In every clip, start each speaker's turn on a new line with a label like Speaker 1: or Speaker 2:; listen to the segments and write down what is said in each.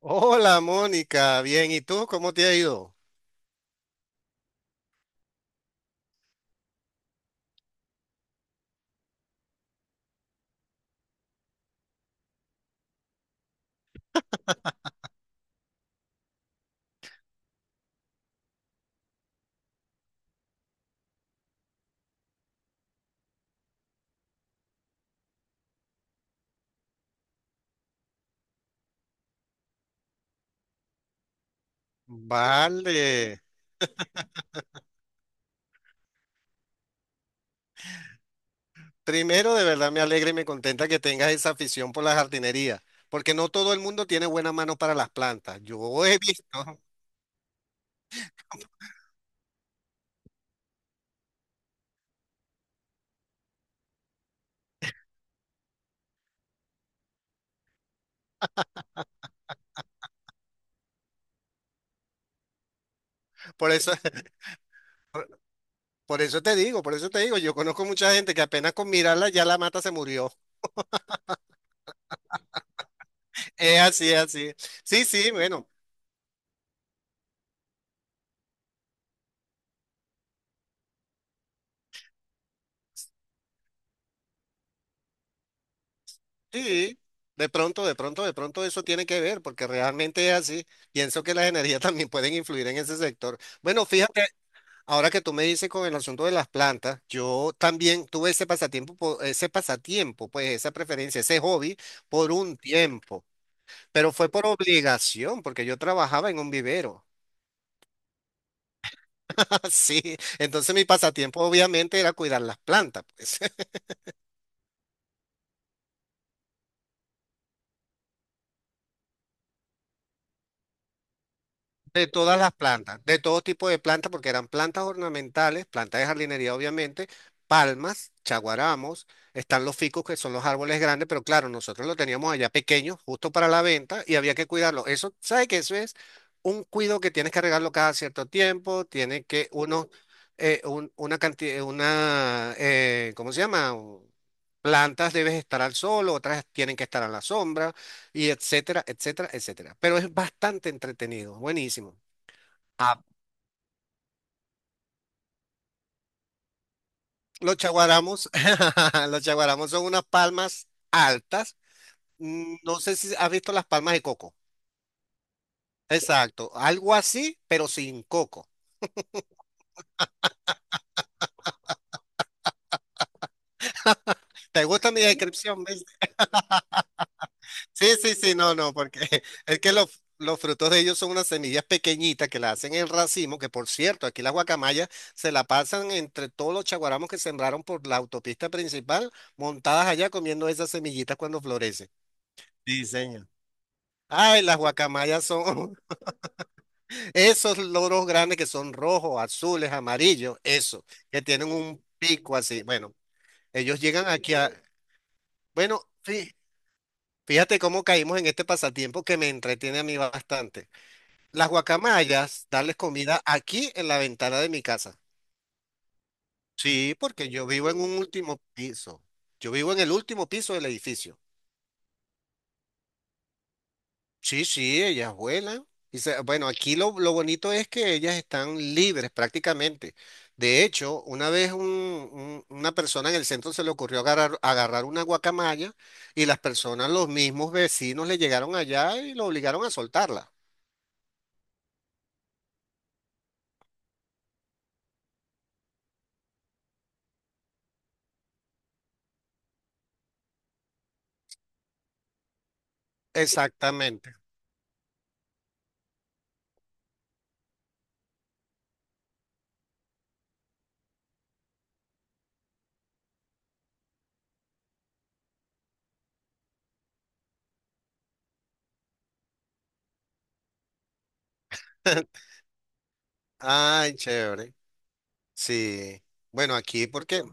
Speaker 1: Hola Mónica, bien, ¿y tú cómo te ha ido? Vale, primero de verdad me alegra y me contenta que tengas esa afición por la jardinería, porque no todo el mundo tiene buena mano para las plantas. Yo he visto, por eso, por eso te digo, yo conozco mucha gente que apenas con mirarla ya la mata se murió. Es así, es así. Sí, sí, bueno, sí, de pronto eso tiene que ver, porque realmente es así. Pienso que las energías también pueden influir en ese sector. Bueno, fíjate. Ahora que tú me dices con el asunto de las plantas, yo también tuve ese pasatiempo, pues esa preferencia, ese hobby por un tiempo, pero fue por obligación, porque yo trabajaba en un vivero, así. Entonces mi pasatiempo obviamente era cuidar las plantas, pues. De todas las plantas, de todo tipo de plantas, porque eran plantas ornamentales, plantas de jardinería obviamente, palmas, chaguaramos, están los ficus que son los árboles grandes, pero claro, nosotros lo teníamos allá pequeño, justo para la venta, y había que cuidarlo. Eso, ¿sabe que eso es un cuido que tienes que regarlo cada cierto tiempo? Tiene que uno, una cantidad, una, ¿cómo se llama? Plantas debes estar al sol, otras tienen que estar a la sombra, y etcétera, etcétera, etcétera. Pero es bastante entretenido, buenísimo. Ah, los chaguaramos, los chaguaramos son unas palmas altas. No sé si has visto las palmas de coco. Exacto, algo así, pero sin coco. ¿Te gusta mi descripción? ¿Ves? Sí, sí, sí, no, no, porque es que los frutos de ellos son unas semillas pequeñitas que las hacen en racimo, que por cierto, aquí las guacamayas se la pasan entre todos los chaguaramos que sembraron por la autopista principal, montadas allá comiendo esas semillitas cuando florecen. Sí, señor. Ay, las guacamayas son esos loros grandes que son rojos, azules, amarillos, eso, que tienen un pico así. Bueno, ellos llegan aquí a... Bueno, fíjate cómo caímos en este pasatiempo que me entretiene a mí bastante. Las guacamayas, darles comida aquí en la ventana de mi casa. Sí, porque yo vivo en un último piso. Yo vivo en el último piso del edificio. Sí, sí, ellas vuelan. Bueno, aquí lo bonito es que ellas están libres prácticamente. De hecho, una vez una persona en el centro se le ocurrió agarrar una guacamaya y las personas, los mismos vecinos, le llegaron allá y lo obligaron a soltarla. Exactamente. Ay, chévere. Sí. Bueno, aquí porque,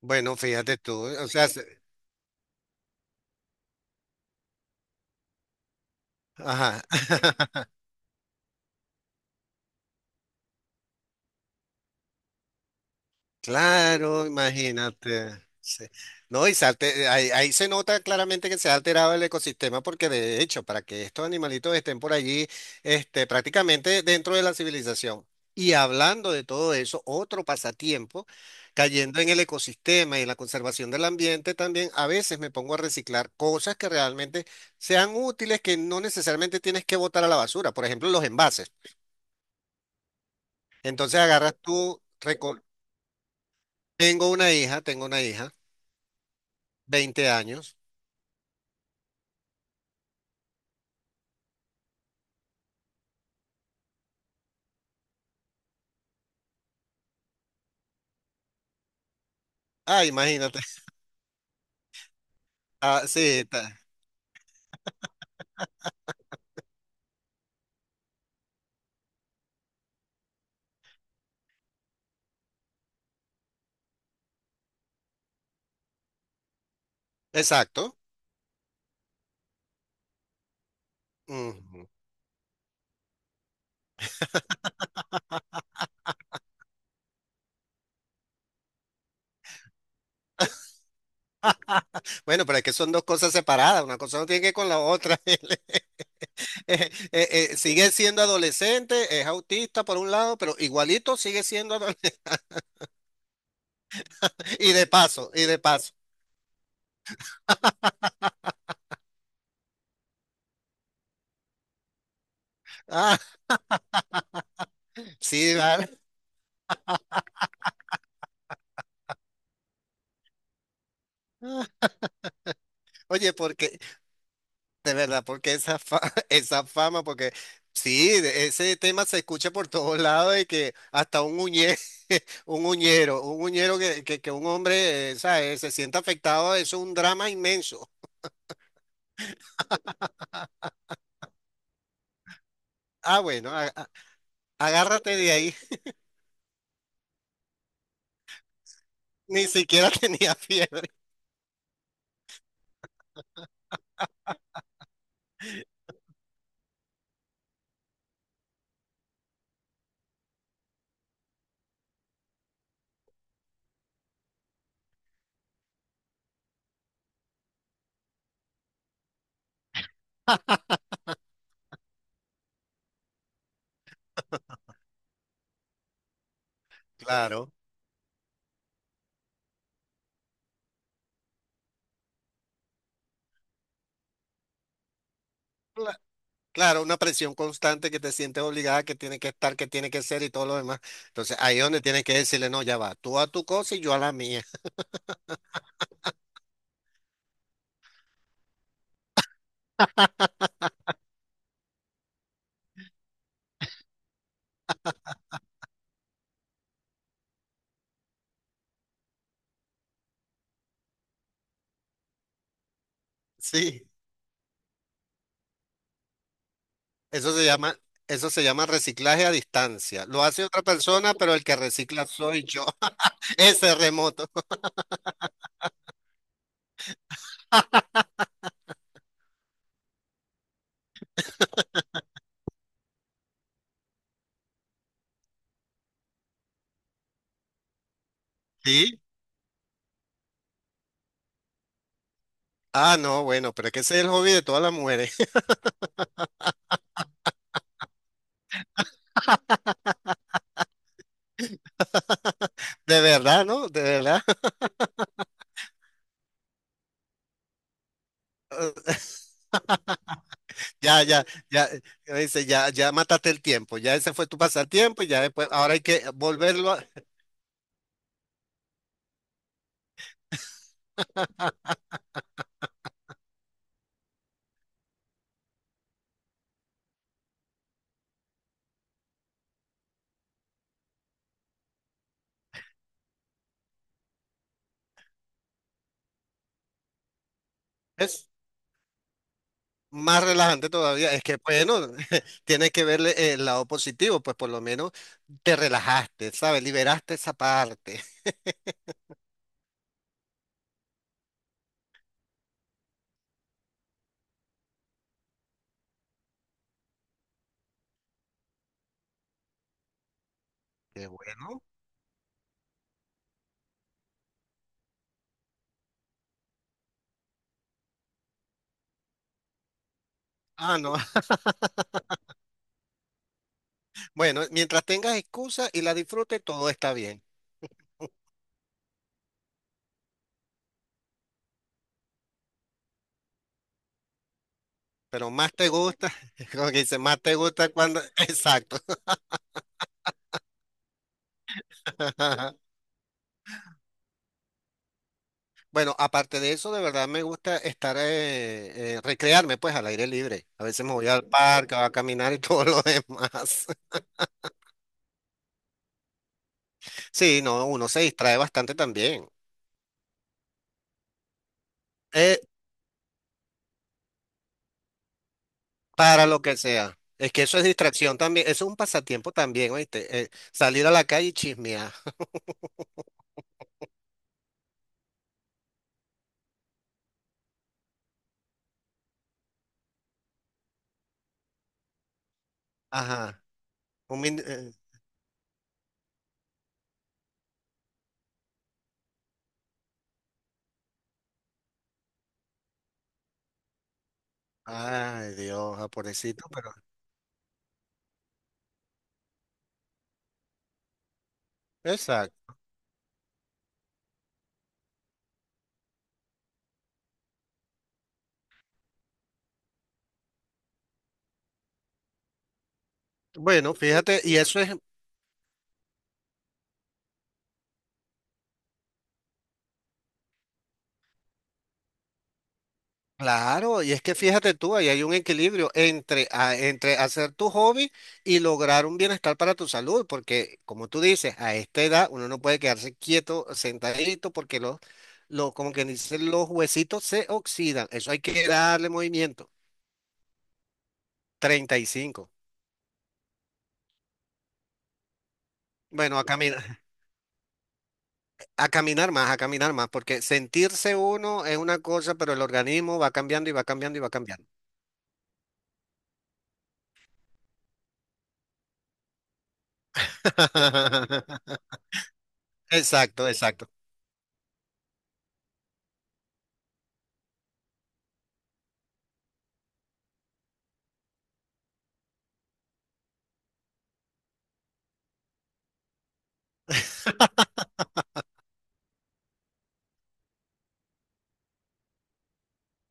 Speaker 1: bueno, fíjate tú, o sea, ajá. Claro, imagínate. Sí. No, y ahí se nota claramente que se ha alterado el ecosistema porque de hecho, para que estos animalitos estén por allí, este, prácticamente dentro de la civilización. Y hablando de todo eso, otro pasatiempo, cayendo en el ecosistema y en la conservación del ambiente, también a veces me pongo a reciclar cosas que realmente sean útiles, que no necesariamente tienes que botar a la basura. Por ejemplo, los envases. Entonces agarras tú, tengo una hija, tengo una hija. 20 años. Ah, imagínate. Ah, sí, exacto. Ujú. Bueno, pero es que son dos cosas separadas, una cosa no tiene que ver con la otra. Él, Eh, eh, sigue siendo adolescente, es autista por un lado, pero igualito sigue siendo adolescente. Y de paso, y de paso. Ah, sí, vale. Oye, porque de verdad, porque esa fama, porque sí, ese tema se escucha por todos lados y que hasta un uñero que un hombre, ¿sabes? Se sienta afectado, eso es un drama inmenso. Ah, bueno, agárrate de ahí, ni siquiera tenía fiebre. Claro, cla- claro, una presión constante que te sientes obligada, que tiene que estar, que tiene que ser y todo lo demás. Entonces, ahí es donde tienes que decirle, no, ya va, tú a tu cosa y yo a la mía. Sí. Eso se llama, eso se llama reciclaje a distancia. Lo hace otra persona, pero el que recicla soy yo. Ese remoto. ¿Sí? Ah, no, bueno, pero es que ese es el hobby de todas las mujeres. De verdad, ¿no? De verdad. Ya, ya, ya, dice, ya, ya mataste el tiempo. Ya ese fue tu pasatiempo y ya después, ahora hay que volverlo a- Es más relajante todavía. Es que, bueno, tienes que verle el lado positivo, pues por lo menos te relajaste, ¿sabes? Liberaste esa parte. Qué bueno. Ah, no. Bueno, mientras tengas excusa y la disfrutes, todo está bien. Pero más te gusta, como que dice, más te gusta cuando... Exacto. Bueno, aparte de eso, de verdad me gusta estar, recrearme pues al aire libre. A veces me voy al parque, voy a caminar y todo lo demás. Sí, no, uno se distrae bastante también. Eh, para lo que sea. Es que eso es distracción también. Eso es un pasatiempo también, ¿oíste? Salir a la calle y chismear. Ajá. Un min- eh, ay, Dios, ah, pobrecito, pero... Exacto. Bueno, fíjate, y eso es claro, y es que fíjate tú, ahí hay un equilibrio entre, entre hacer tu hobby y lograr un bienestar para tu salud, porque como tú dices, a esta edad uno no puede quedarse quieto, sentadito, porque los, como que dicen, los huesitos se oxidan, eso hay que darle movimiento. 35. Bueno, a caminar, a caminar más, porque sentirse uno es una cosa, pero el organismo va cambiando y va cambiando y va cambiando. Exacto, exacto.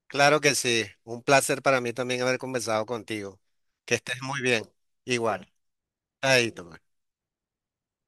Speaker 1: Claro que sí. Un placer para mí también haber conversado contigo. Que estés muy bien. Igual. Ahí,